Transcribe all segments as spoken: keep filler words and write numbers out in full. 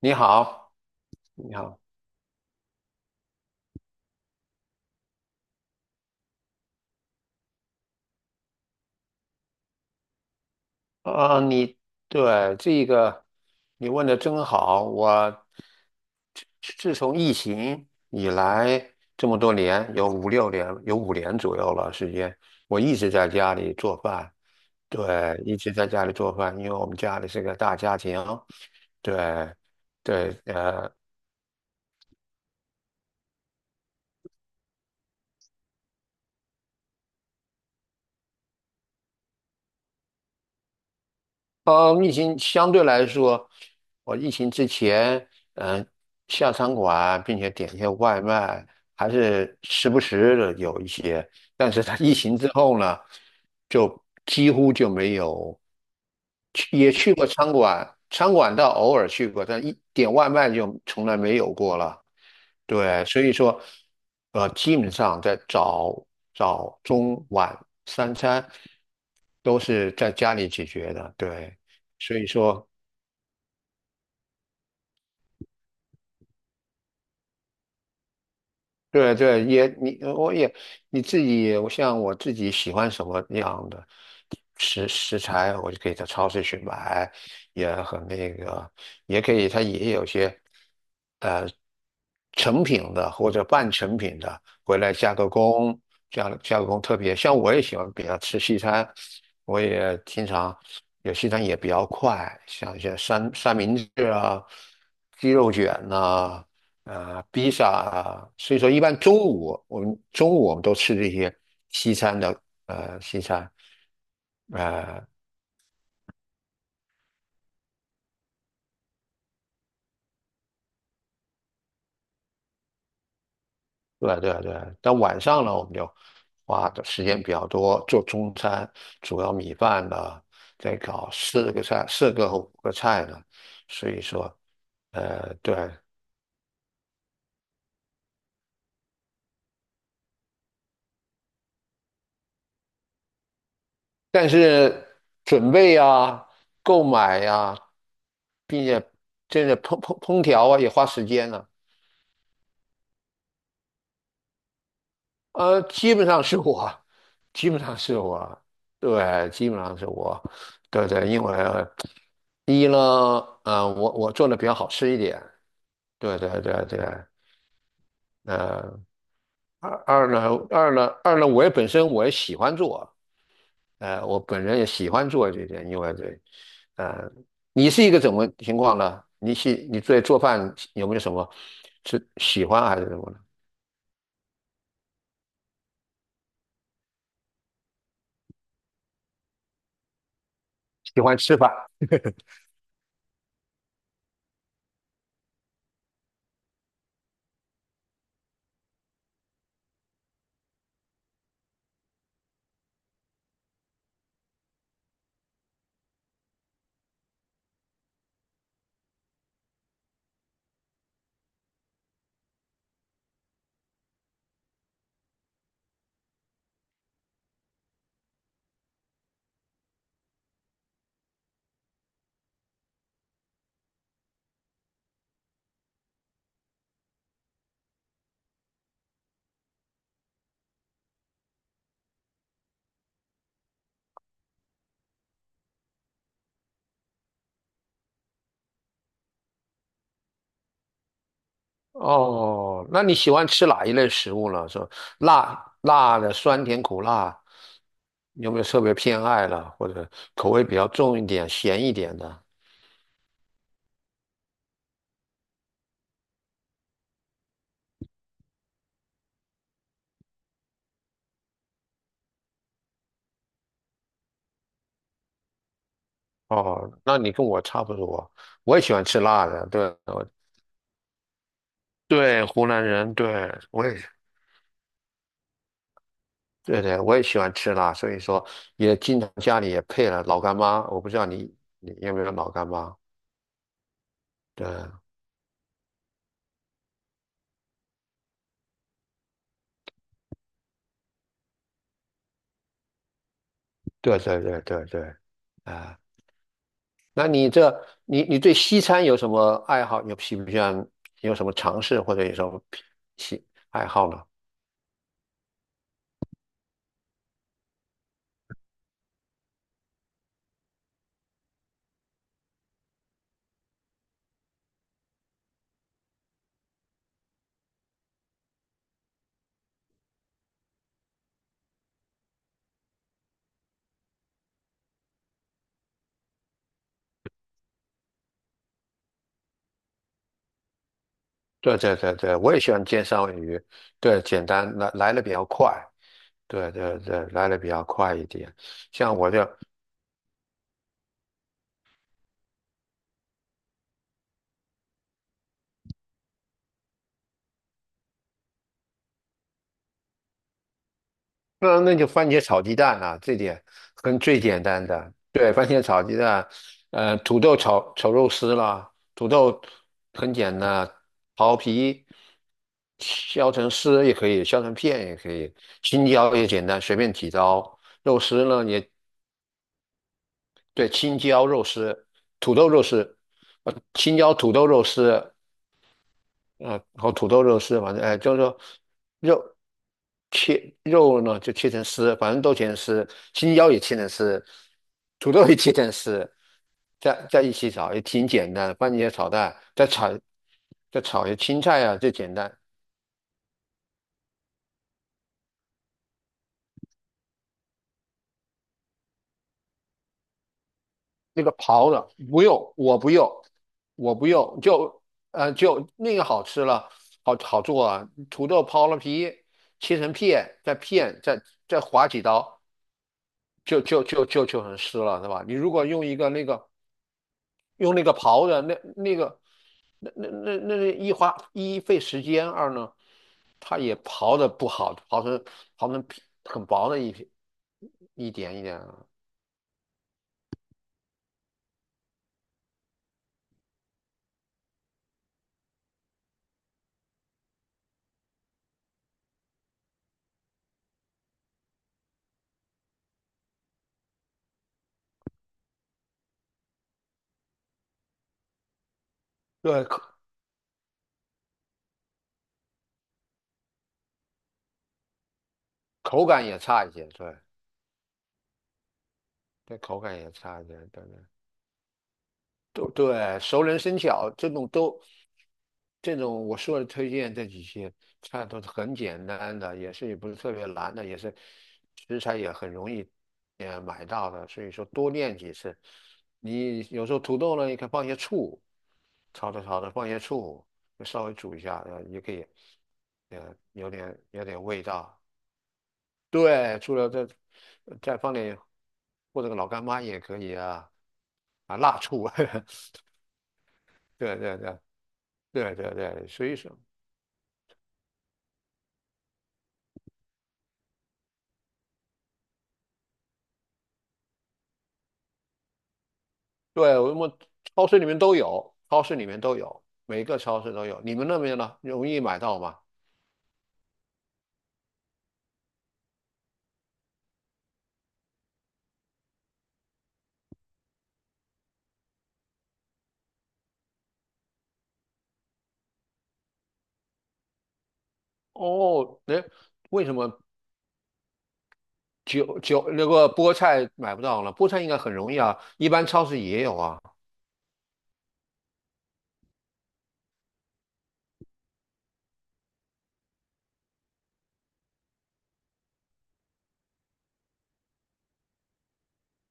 你好，你好，啊、你对这个你问的真好，我自自从疫情以来这么多年，有五六年，有五年左右了时间，我一直在家里做饭。对，一直在家里做饭，因为我们家里是个大家庭。对，对。呃，疫情相对来说，我疫情之前，嗯、下餐馆并且点一些外卖，还是时不时的有一些。但是他疫情之后呢，就几乎就没有去，也去过餐馆，餐馆倒偶尔去过，但一点外卖就从来没有过了。对，所以说，呃，基本上在早、早、中、晚三餐都是在家里解决的。对，所以说。对对，也你呃我也你自己，我像我自己喜欢什么样的食食材，我就可以在超市去买，也很那个，也可以，它也有些。成品的或者半成品的回来加个工，加加个工特别。像我也喜欢比较吃西餐，我也经常有西餐也比较快，像一些三三明治啊、鸡肉卷呐、啊、披萨啊。所以说，一般中午我们中午我们都吃这些西餐的呃西餐。呃，对啊对啊对啊，但晚上呢，我们就花的时间比较多，做中餐，主要米饭呢，再搞四个菜，四个和五个菜呢。所以说，呃，对，但是准备呀、购买呀、并且这个烹烹烹调啊也花时间呢。呃，基本上是我，基本上是我，对，基本上是我，对对，因为一呢，呃，我我做的比较好吃一点。对对对对，呃，二二呢，二呢，二呢，我也本身我也喜欢做，呃，我本人也喜欢做这些，因为对。呃，你是一个怎么情况呢？你喜你对做饭有没有什么是喜欢还是什么呢？喜欢吃饭。哦，那你喜欢吃哪一类食物呢？是吧，辣辣的、酸甜苦辣，有没有特别偏爱了，或者口味比较重一点、咸一点的？哦，那你跟我差不多，我也喜欢吃辣的。对，我对，湖南人，对，我也，对对，我也喜欢吃辣，所以说也经常家里也配了老干妈。我不知道你你有没有老干妈？对，对对对对对。啊，那你这你你对西餐有什么爱好？有喜不喜欢？有什么尝试或者有什么喜爱好呢？对对对对，我也喜欢煎三文鱼，对，简单来来的比较快，对对对，来的比较快一点。像我就那那就番茄炒鸡蛋啊，这点很最简单的。对，番茄炒鸡蛋，呃，土豆炒炒肉丝啦，土豆很简单，刨皮削成丝也可以，削成片也可以，青椒也简单，随便几刀。肉丝呢也对，青椒肉丝、土豆肉丝，呃，青椒土豆肉丝，呃，和土豆肉丝，反正哎，就是说肉切肉呢就切成丝，反正都切成丝，青椒也切成丝，土豆也切成丝，在在一起炒也挺简单的，番茄炒蛋，再炒再炒些青菜啊，最简单。那个刨的，不用，我不用，我不用，就呃就那个好吃了，好好做啊。土豆刨了皮，切成片，再片，再再划几刀，就就就就就很湿了，对吧？你如果用一个那个用那个刨的，那那个那那那那那一花一费时间，二呢，它也刨的不好，刨成刨成皮很薄的一片，一点一点啊。对，口口感也差一些，对。对，口感也差一点，等等，都对，熟能生巧，这种都，这种我说的推荐这几些菜都是很简单的，也是也不是特别难的，也是食材也很容易，呃，买到的，所以说多练几次。你有时候土豆呢，你可以放些醋，炒着炒着放些醋，稍微煮一下，呃，也可以，呃，有点有点味道。对，除了这，呃再放点或者个老干妈也可以啊。啊，辣醋。对对对对对对，所以说，对我们超市里面都有，超市里面都有，每个超市都有。你们那边呢，容易买到吗？哦，哎，为什么韭韭那个菠菜买不到呢？菠菜应该很容易啊，一般超市也有啊。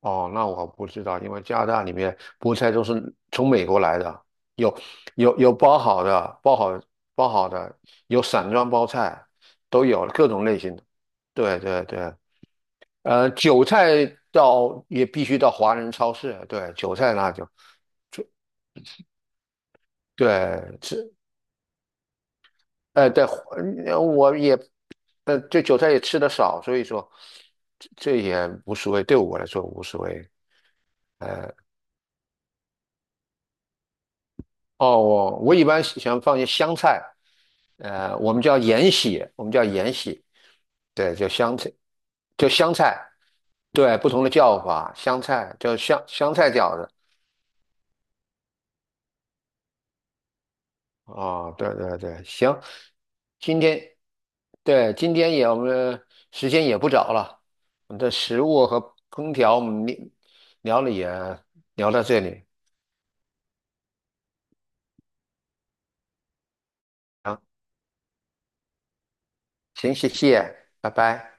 哦，那我不知道，因为加拿大里面菠菜都是从美国来的，有有有包好的，包好包好的，有散装包菜，都有各种类型的。对对对，呃，韭菜到也必须到华人超市，对，韭菜那就对吃，呃，对，呃我也，呃，对韭菜也吃的少，所以说这这也无所谓，对我来说无所谓。哦，我我一般喜欢放些香菜，呃，我们叫芫荽，我们叫芫荽，对，叫香菜，叫香菜，对，不同的叫法，香菜叫香香菜饺子，哦，对对对，行。今天，对，今天也我们时间也不早了，我们的食物和空调我们聊聊了也聊到这里。啊，行，谢谢，拜拜。